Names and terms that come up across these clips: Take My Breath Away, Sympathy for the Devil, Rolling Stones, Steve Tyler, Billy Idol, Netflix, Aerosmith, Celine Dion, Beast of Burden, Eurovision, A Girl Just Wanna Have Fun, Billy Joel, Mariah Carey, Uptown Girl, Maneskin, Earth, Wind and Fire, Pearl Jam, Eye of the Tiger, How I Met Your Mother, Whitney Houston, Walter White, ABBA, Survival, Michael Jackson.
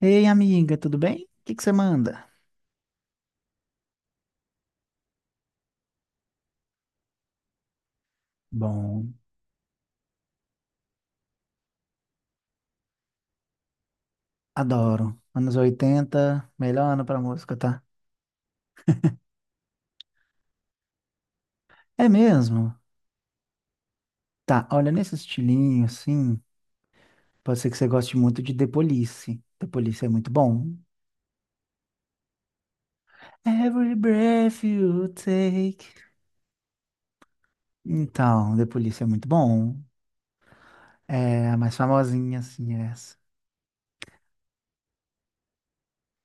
Ei, amiga, tudo bem? O que que você manda? Bom, adoro. Anos 80, melhor ano pra música, tá? É mesmo? Tá, olha, nesse estilinho, assim, pode ser que você goste muito de The Police. The Police é muito bom. Every breath you take. Então, The Police é muito bom. É a mais famosinha, assim, é essa.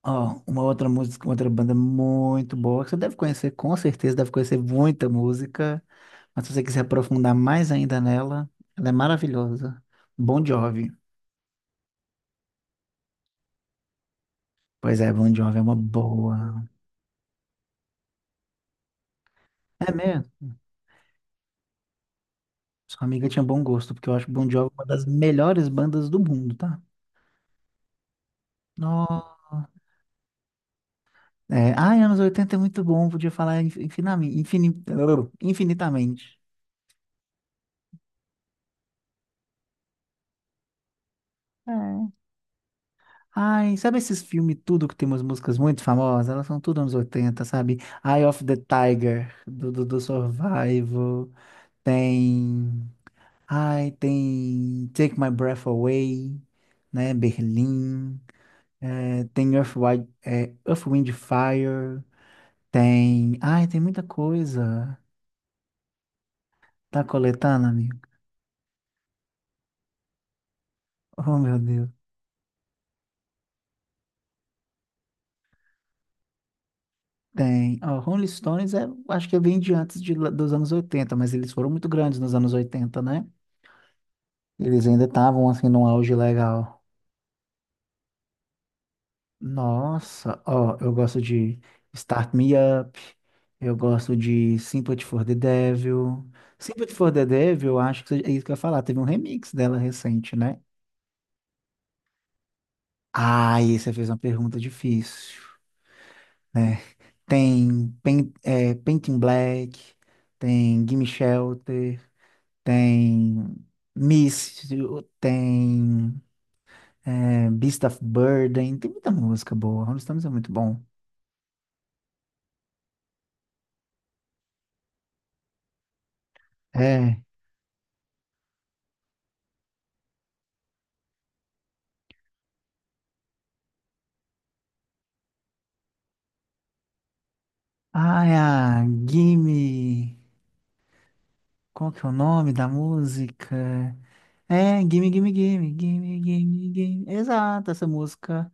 Ó, uma outra música, uma outra banda muito boa, que você deve conhecer, com certeza deve conhecer muita música. Mas se você quiser aprofundar mais ainda nela, ela é maravilhosa. Bon Jovi. Pois é, Bon Jovi é uma boa. É mesmo? Sua amiga tinha bom gosto, porque eu acho Bon Jovi uma das melhores bandas do mundo, tá? Nossa. É, ai, anos 80 é muito bom, podia falar infinitamente, infinitamente. É. Ai, sabe esses filmes tudo que tem umas músicas muito famosas? Elas são tudo anos 80, sabe? Eye of the Tiger, do Survival. Tem. Ai, tem Take My Breath Away, né? Berlim, é, tem Earth, Earth, Wind and Fire, tem. Ai, tem muita coisa. Tá coletando, amigo? Oh, meu Deus. Tem. Ó, Rolling Stones, acho que vem de antes dos anos oitenta, mas eles foram muito grandes nos anos oitenta, né? Eles ainda estavam, assim, num auge legal. Nossa, ó, eu gosto de Start Me Up, eu gosto de Sympathy for the Devil. Sympathy for the Devil, eu acho que é isso que eu ia falar, teve um remix dela recente, né? Ah, e você fez uma pergunta difícil, né? Tem Painting Black, tem Gimme Shelter, tem Miss, tem Beast of Burden, tem muita música boa, Rolling Stones é muito bom. É. Ah, é a Gimme. Qual que é o nome da música? É, Gimme, Gimme, Gimme, Gimme, Gimme, Gimme. Exato, essa música.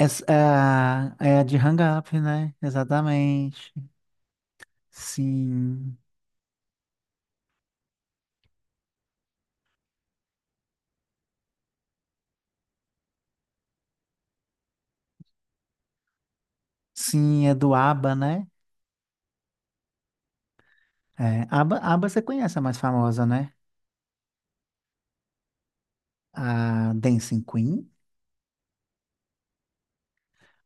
Essa, é a de Hang Up, né? Exatamente. Sim. Sim, é do ABBA, né? É, ABBA, ABBA você conhece a mais famosa, né? A Dancing Queen.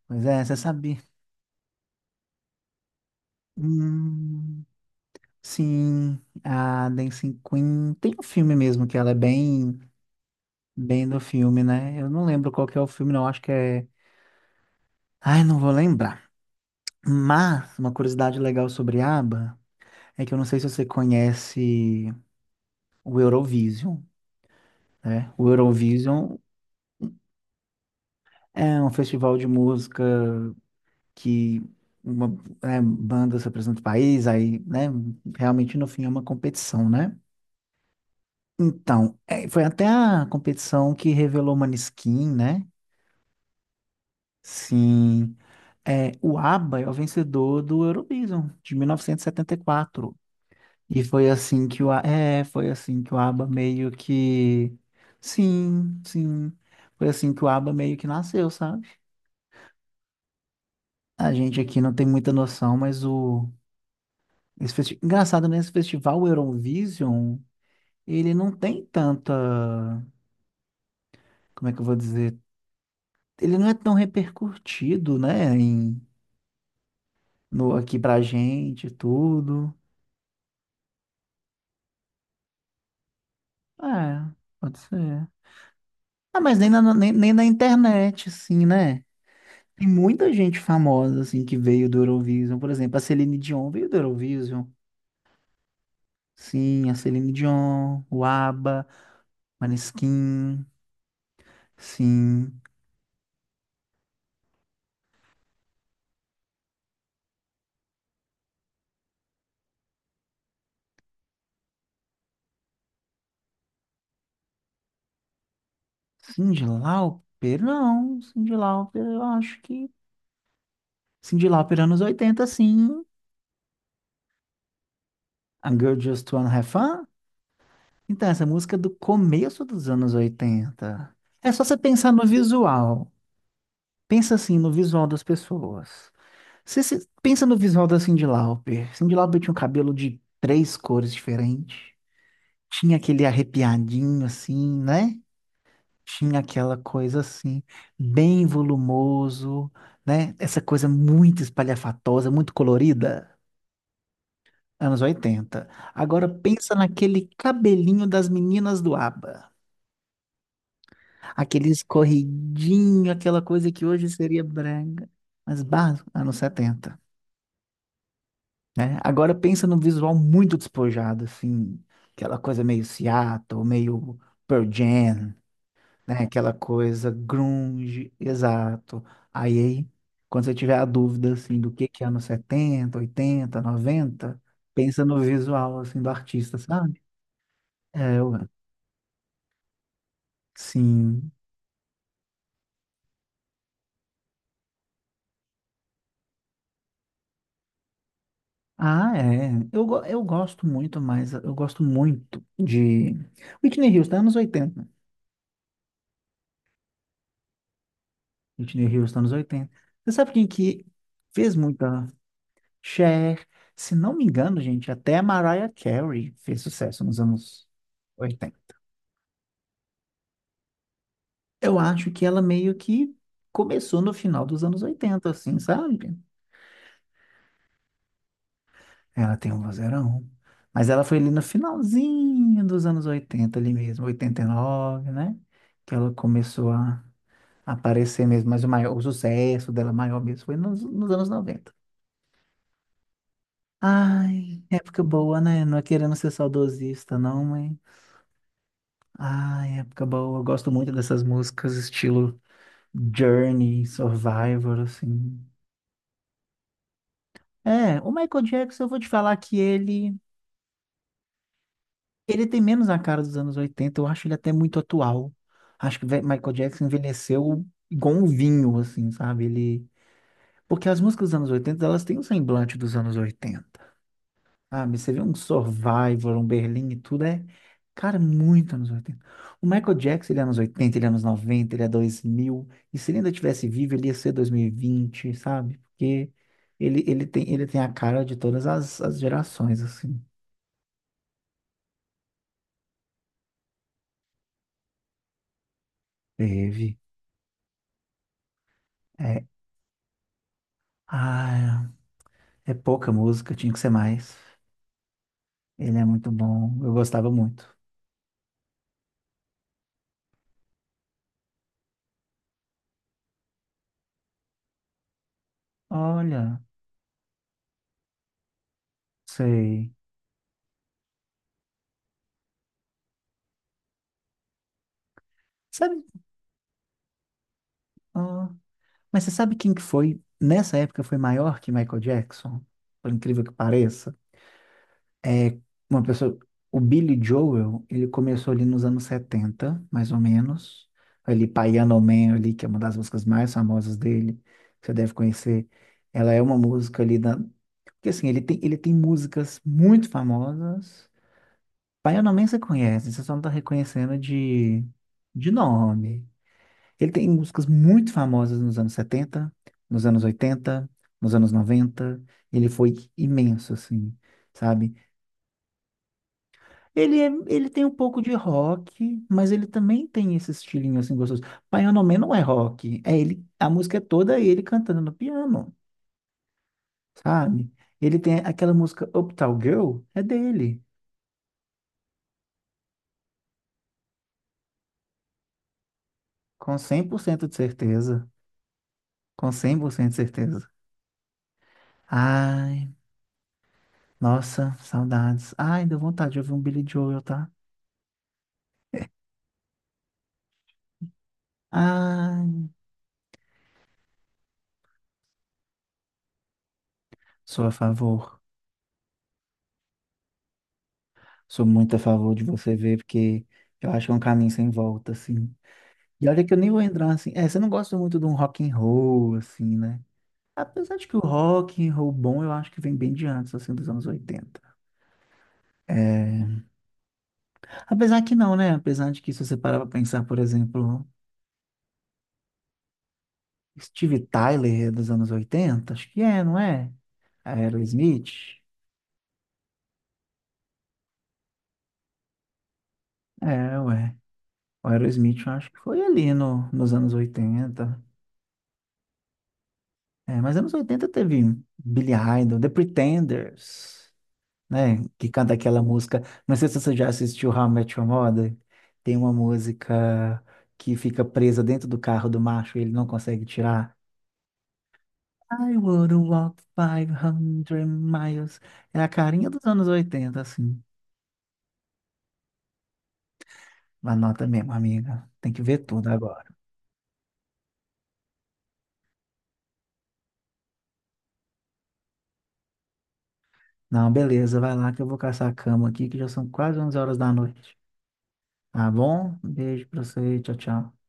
Pois é, você sabia. Hum, sim, a Dancing Queen. Tem um filme mesmo que ela é bem do filme, né? Eu não lembro qual que é o filme, não. Acho que é. Ai, não vou lembrar. Mas uma curiosidade legal sobre ABBA é que eu não sei se você conhece o Eurovision, né? O Eurovision é um festival de música que uma, né, bandas representam o país, aí, né? Realmente no fim é uma competição, né? Então, foi até a competição que revelou Maneskin, né? Sim. É, o ABBA é o vencedor do Eurovision de 1974. E 74. E foi assim que o foi assim que o ABBA meio que sim, sim. Foi assim que o ABBA meio que nasceu, sabe? A gente aqui não tem muita noção, mas engraçado nesse festival Eurovision, ele não tem tanta, como é que eu vou dizer? Ele não é tão repercutido, né, no aqui pra gente e tudo. É, pode ser. Ah, mas nem na internet, assim, né? Tem muita gente famosa, assim, que veio do Eurovision. Por exemplo, a Celine Dion veio do Eurovision. Sim, a Celine Dion, o ABBA, Maneskin, sim. Cyndi Lauper, não. Cyndi Lauper, eu acho que... Cyndi Lauper, anos 80, sim. A Girl Just Wanna Have Fun. Então, essa música é do começo dos anos 80. É só você pensar no visual. Pensa, assim, no visual das pessoas. Você pensa no visual da Cyndi Lauper. Cyndi Lauper tinha um cabelo de três cores diferentes. Tinha aquele arrepiadinho, assim, né? Tinha aquela coisa assim, bem volumoso, né? Essa coisa muito espalhafatosa, muito colorida. Anos 80. Agora pensa naquele cabelinho das meninas do ABBA. Aquele escorridinho, aquela coisa que hoje seria brega. Mas barro, anos setenta, né? Agora pensa num visual muito despojado, assim, aquela coisa meio Seattle, meio Pearl Jam, né? Aquela coisa grunge, exato. Aí, quando você tiver a dúvida, assim, do que é anos setenta, oitenta, noventa, pensa no visual, assim, do artista, sabe? É, eu sim. Ah, é. Eu gosto muito, mas eu gosto muito de Whitney Houston, anos oitenta. Whitney Houston, anos oitenta. Você sabe quem que fez muita Cher. Se não me engano, gente, até a Mariah Carey fez sucesso nos anos 80. Eu acho que ela meio que começou no final dos anos 80, assim, sabe? Ela tem um vozeirão. Mas ela foi ali no finalzinho dos anos oitenta, ali mesmo, 89, né? Que ela começou a aparecer mesmo. Mas o maior, o sucesso dela maior mesmo foi nos anos 90. Ai, época boa, né? Não é querendo ser saudosista, não, mas é época boa. Eu gosto muito dessas músicas estilo Journey, Survivor, assim. É, o Michael Jackson, eu vou te falar que ele tem menos a cara dos anos 80. Eu acho ele até muito atual. Acho que Michael Jackson envelheceu igual um vinho, assim, sabe? Porque as músicas dos anos 80, elas têm um semblante dos anos 80. Sabe? Você vê um Survivor, um Berlim e tudo cara, é muito anos 80. O Michael Jackson, ele é anos 80, ele é anos 90, ele é 2000. E se ele ainda tivesse vivo, ele ia ser 2020, sabe? Porque ele tem a cara de todas as gerações, assim. Teve. É, ah, é pouca música, tinha que ser mais. Ele é muito bom, eu gostava muito. Olha, sei. Sabe? Mas você sabe quem que foi, nessa época, foi maior que Michael Jackson? Por incrível que pareça. É uma pessoa... O Billy Joel, ele começou ali nos anos 70, mais ou menos. Ali, Piano Man, ali, que é uma das músicas mais famosas dele, que você deve conhecer. Ela é uma música ali da... Porque, assim, ele tem músicas muito famosas. Piano Man você conhece, você só não tá reconhecendo de nome. Ele tem músicas muito famosas nos anos 70, nos anos 80, nos anos 90. Ele foi imenso, assim, sabe? Ele tem um pouco de rock, mas ele também tem esse estilinho, assim, gostoso. Piano Man não é rock, é ele, a música é toda ele cantando no piano, sabe? Ele tem aquela música Uptown Girl, é dele, com 100% de certeza, com 100% de certeza. Ai, nossa, saudades. Ai, deu vontade de ouvir um Billy Joel, tá? Ah, sou a favor. Sou muito a favor de você ver, porque eu acho que é um caminho sem volta, assim. E olha que eu nem vou entrar assim. É, você não gosta muito de um rock and roll, assim, né? Apesar de que o rock and roll bom, eu acho que vem bem de antes, assim, dos anos oitenta. É... Apesar que não, né? Apesar de que se você parar pra pensar, por exemplo, Steve Tyler é dos anos oitenta, acho que é, não é? Aerosmith? É, ué. O Aerosmith eu acho que foi ali no, nos anos oitenta. É, mas anos 80 teve Billy Idol, The Pretenders, né? Que canta aquela música. Não sei se você já assistiu How I Met Your Mother. Tem uma música que fica presa dentro do carro do macho e ele não consegue tirar. I would walk five hundred miles. É a carinha dos anos 80, assim. Anota mesmo, amiga. Tem que ver tudo agora. Não, beleza, vai lá que eu vou caçar a cama aqui, que já são quase 11 horas da noite. Tá bom? Um beijo pra você, tchau, tchau.